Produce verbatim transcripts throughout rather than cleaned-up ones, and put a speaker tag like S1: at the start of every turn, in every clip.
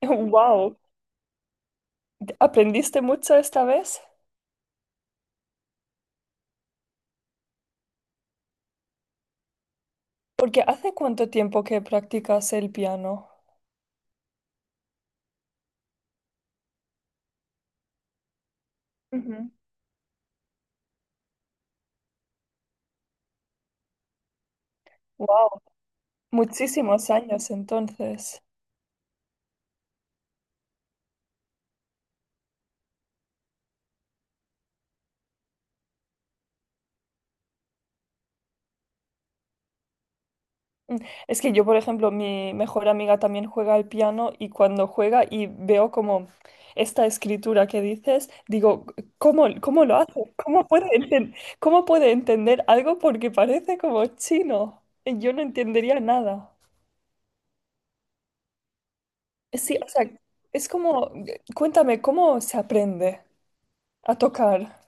S1: Wow, ¿aprendiste mucho esta vez? Porque ¿hace cuánto tiempo que practicas el piano? Ujú. Wow, muchísimos años entonces. Mm, Es que yo, por ejemplo, mi mejor amiga también juega al piano y cuando juega y veo como esta escritura que dices, digo, ¿cómo, cómo lo hace? ¿Cómo puede enten- cómo puede entender algo porque parece como chino? Y yo no entendería nada. Sí, o sea, es como, cuéntame, ¿cómo se aprende a tocar?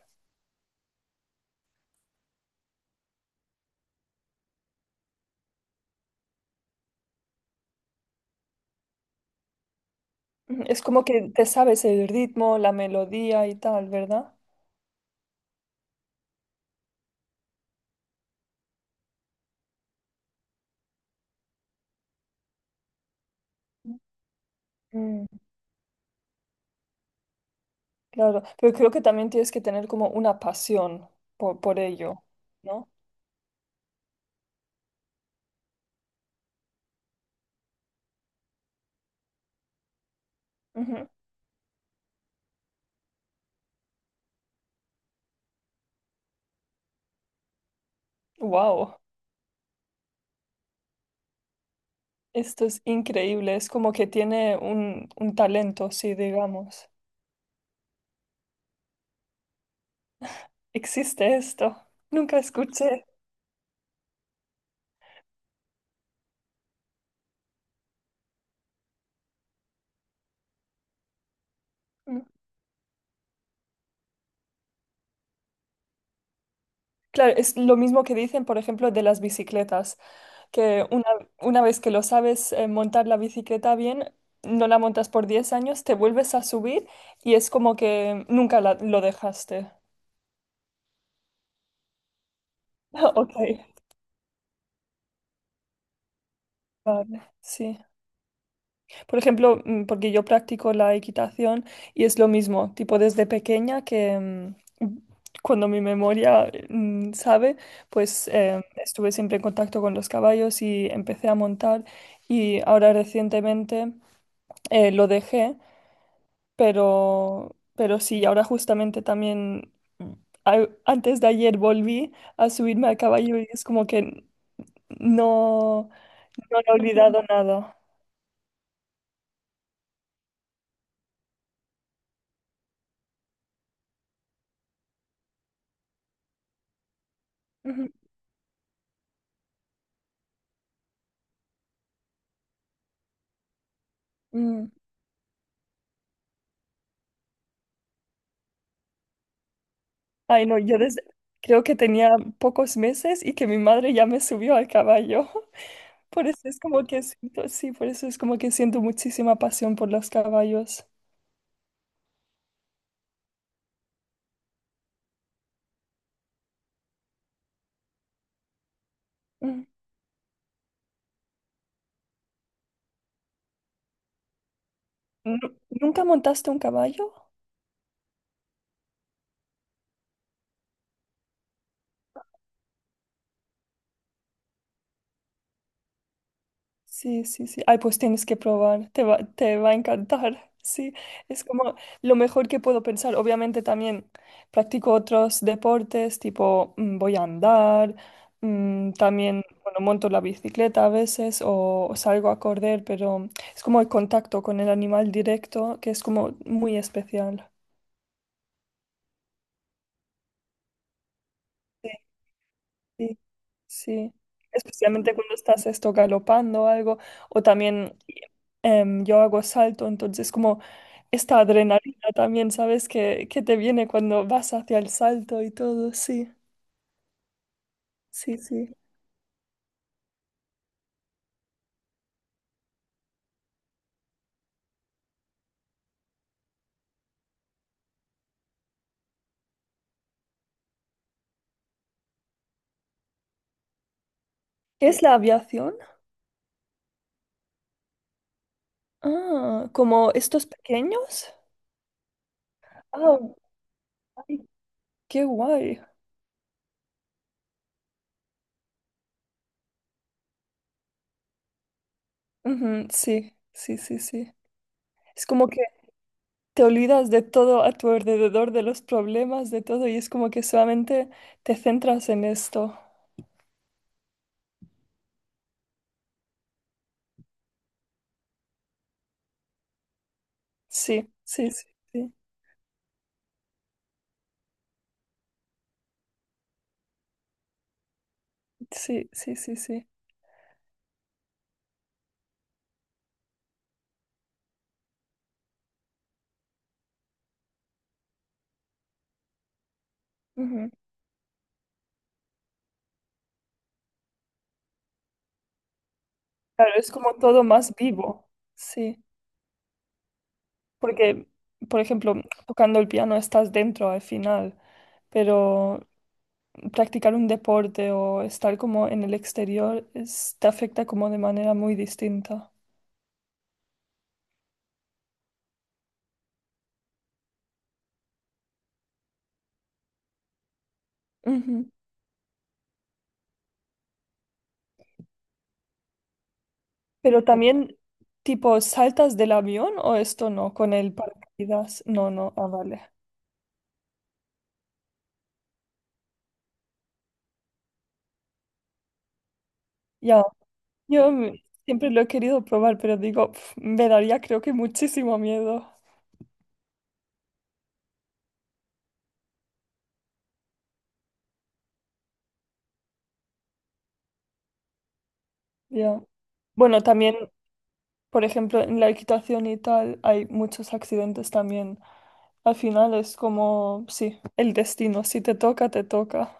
S1: Mm, es como que te sabes el ritmo, la melodía y tal, ¿verdad? Mm, claro, pero creo que también tienes que tener como una pasión por, por ello, ¿no? Wow, esto es increíble, es como que tiene un, un talento, sí, digamos. Existe esto, nunca escuché. Mm. Claro, es lo mismo que dicen, por ejemplo, de las bicicletas. que una, una vez que lo sabes eh, montar la bicicleta bien, no la montas por diez años, te vuelves a subir y es como que nunca la- lo dejaste. Ok, vale, sí. Por ejemplo, mm, porque yo practico la equitación y es lo mismo, tipo desde pequeña que mm, cuando mi memoria mm, sabe, pues eh, estuve siempre en contacto con los caballos y empecé a montar, y ahora recientemente eh, lo dejé. Pero, pero sí, ahora justamente también, mm, a- antes de ayer volví a subirme al caballo y es como que no, no he olvidado nada. Ujú. Mm. Ay, no, yo desde, creo que tenía pocos meses y que mi madre ya me subió al caballo. Por eso es como que siento, sí, por eso es como que siento muchísima pasión por los caballos. Mm. ¿Nu- ¿Nunca montaste un caballo? Sí, sí, sí. Ay, pues tienes que probar, te va, te va a encantar. Sí, es como lo mejor que puedo pensar. Obviamente también practico otros deportes, tipo mm, voy a andar, mm, también, bueno, monto la bicicleta a veces o, o salgo a correr, pero es como el contacto con el animal directo, que es como muy especial. Sí, sí, sí. Especialmente cuando estás esto galopando o algo, o también em, yo hago salto, entonces como esta adrenalina también, ¿sabes? Que, que te viene cuando vas hacia el salto y todo, sí, sí, sí. ¿Qué es la aviación? Ah, ¿como estos pequeños? Ah, ay, qué guay. Ujú, sí, sí, sí, sí. Es como que te olvidas de todo a tu alrededor, de los problemas, de todo, y es como que solamente te centras en esto. Sí, sí, sí, sí, sí, sí, sí, sí. Ujú. Claro, es como todo más vivo. Sí. Porque, por ejemplo, tocando el piano estás dentro al final, pero practicar un deporte o estar como en el exterior es- te afecta como de manera muy distinta. Ujú. Pero también, tipo, ¿saltas del avión o esto no? Con el paracaídas. No, no, ah, vale. Ya, yo me- siempre lo he querido probar, pero digo, pf, me daría creo que muchísimo miedo. Ya. Bueno, también por ejemplo, en la equitación y tal hay muchos accidentes también. Al final es como, sí, el destino, si te toca, te toca.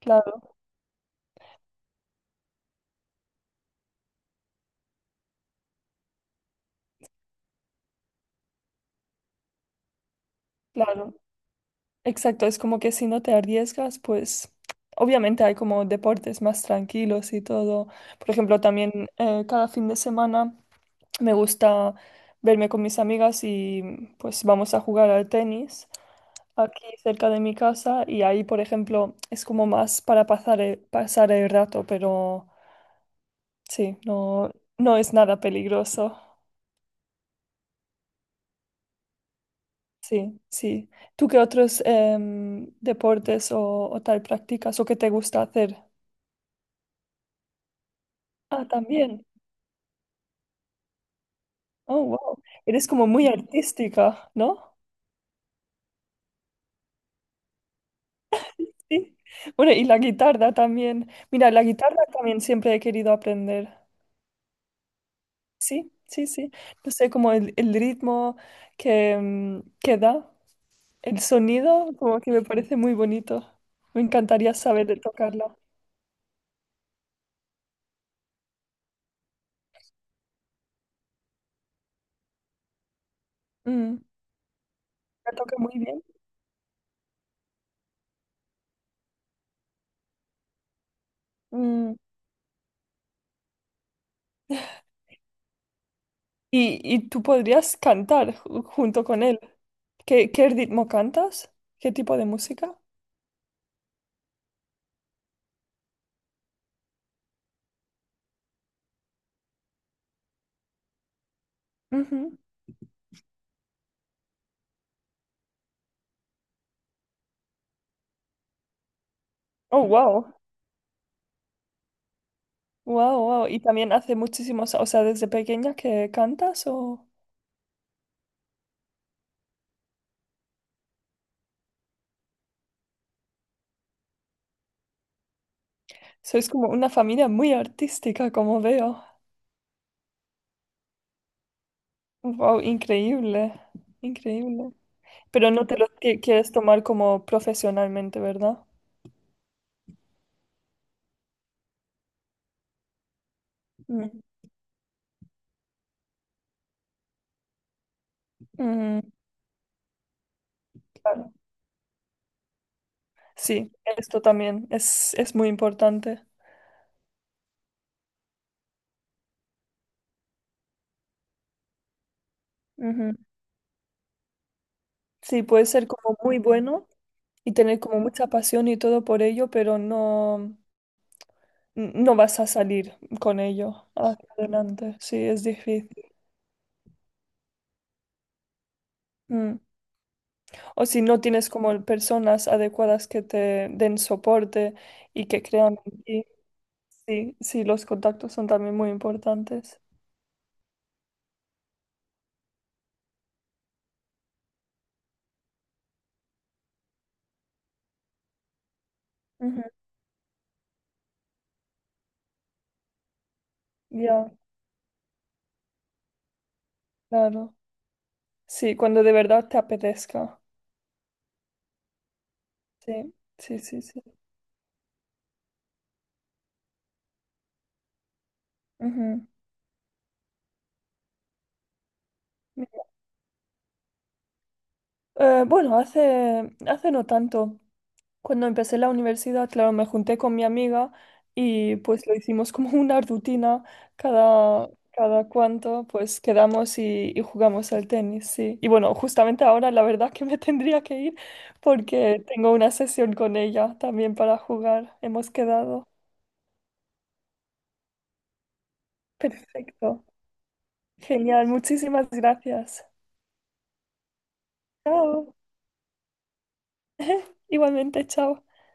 S1: Claro, claro. Exacto, es como que si no te arriesgas, pues obviamente hay como deportes más tranquilos y todo. Por ejemplo, también eh, cada fin de semana me gusta verme con mis amigas y pues vamos a jugar al tenis aquí cerca de mi casa y ahí, por ejemplo, es como más para pasar el, pasar el rato, pero sí, no, no es nada peligroso. Sí, sí. ¿Tú qué otros em, deportes o, o tal practicas o qué te gusta hacer? Ah, también. Oh, wow. Eres como muy artística, ¿no? Sí. Bueno, y la guitarra también. Mira, la guitarra también siempre he querido aprender. Sí, sí, sí. No sé, como el, el ritmo que, em, que da, el sonido, como que me parece muy bonito. Me encantaría saber tocarla. Mm, la toca muy bien. Mm, y, y tú podrías cantar ju- junto con él. ¿Qué, qué ritmo cantas? ¿Qué tipo de música? Ujú. Oh, wow. Wow, wow. ¿Y también hace muchísimos, o sea, desde pequeña que cantas? O sois como una familia muy artística, ¿como veo? Wow, increíble. Increíble. Pero no te lo qui- quieres tomar como profesionalmente, ¿verdad? Mm. Mm, claro. Sí, esto también es, es muy importante. Ujú. Sí, puede ser como muy bueno y tener como mucha pasión y todo por ello, pero no, no vas a salir con ello hacia adelante. Sí, es difícil. Mm. O si no tienes como personas adecuadas que te den soporte y que crean en ti. Sí, sí, los contactos son también muy importantes. Ujú. Ya, claro. Sí, cuando de verdad te apetezca. Sí, sí, sí, sí. Ujú. Eh, bueno, hace, hace no tanto. Cuando empecé la universidad, claro, me junté con mi amiga y pues lo hicimos como una rutina. Cada, cada cuanto pues quedamos y, y jugamos al tenis, sí. Y bueno, justamente ahora la verdad que me tendría que ir porque tengo una sesión con ella también para jugar. Hemos quedado. Perfecto. Genial, muchísimas gracias. Chao. Igualmente, chao.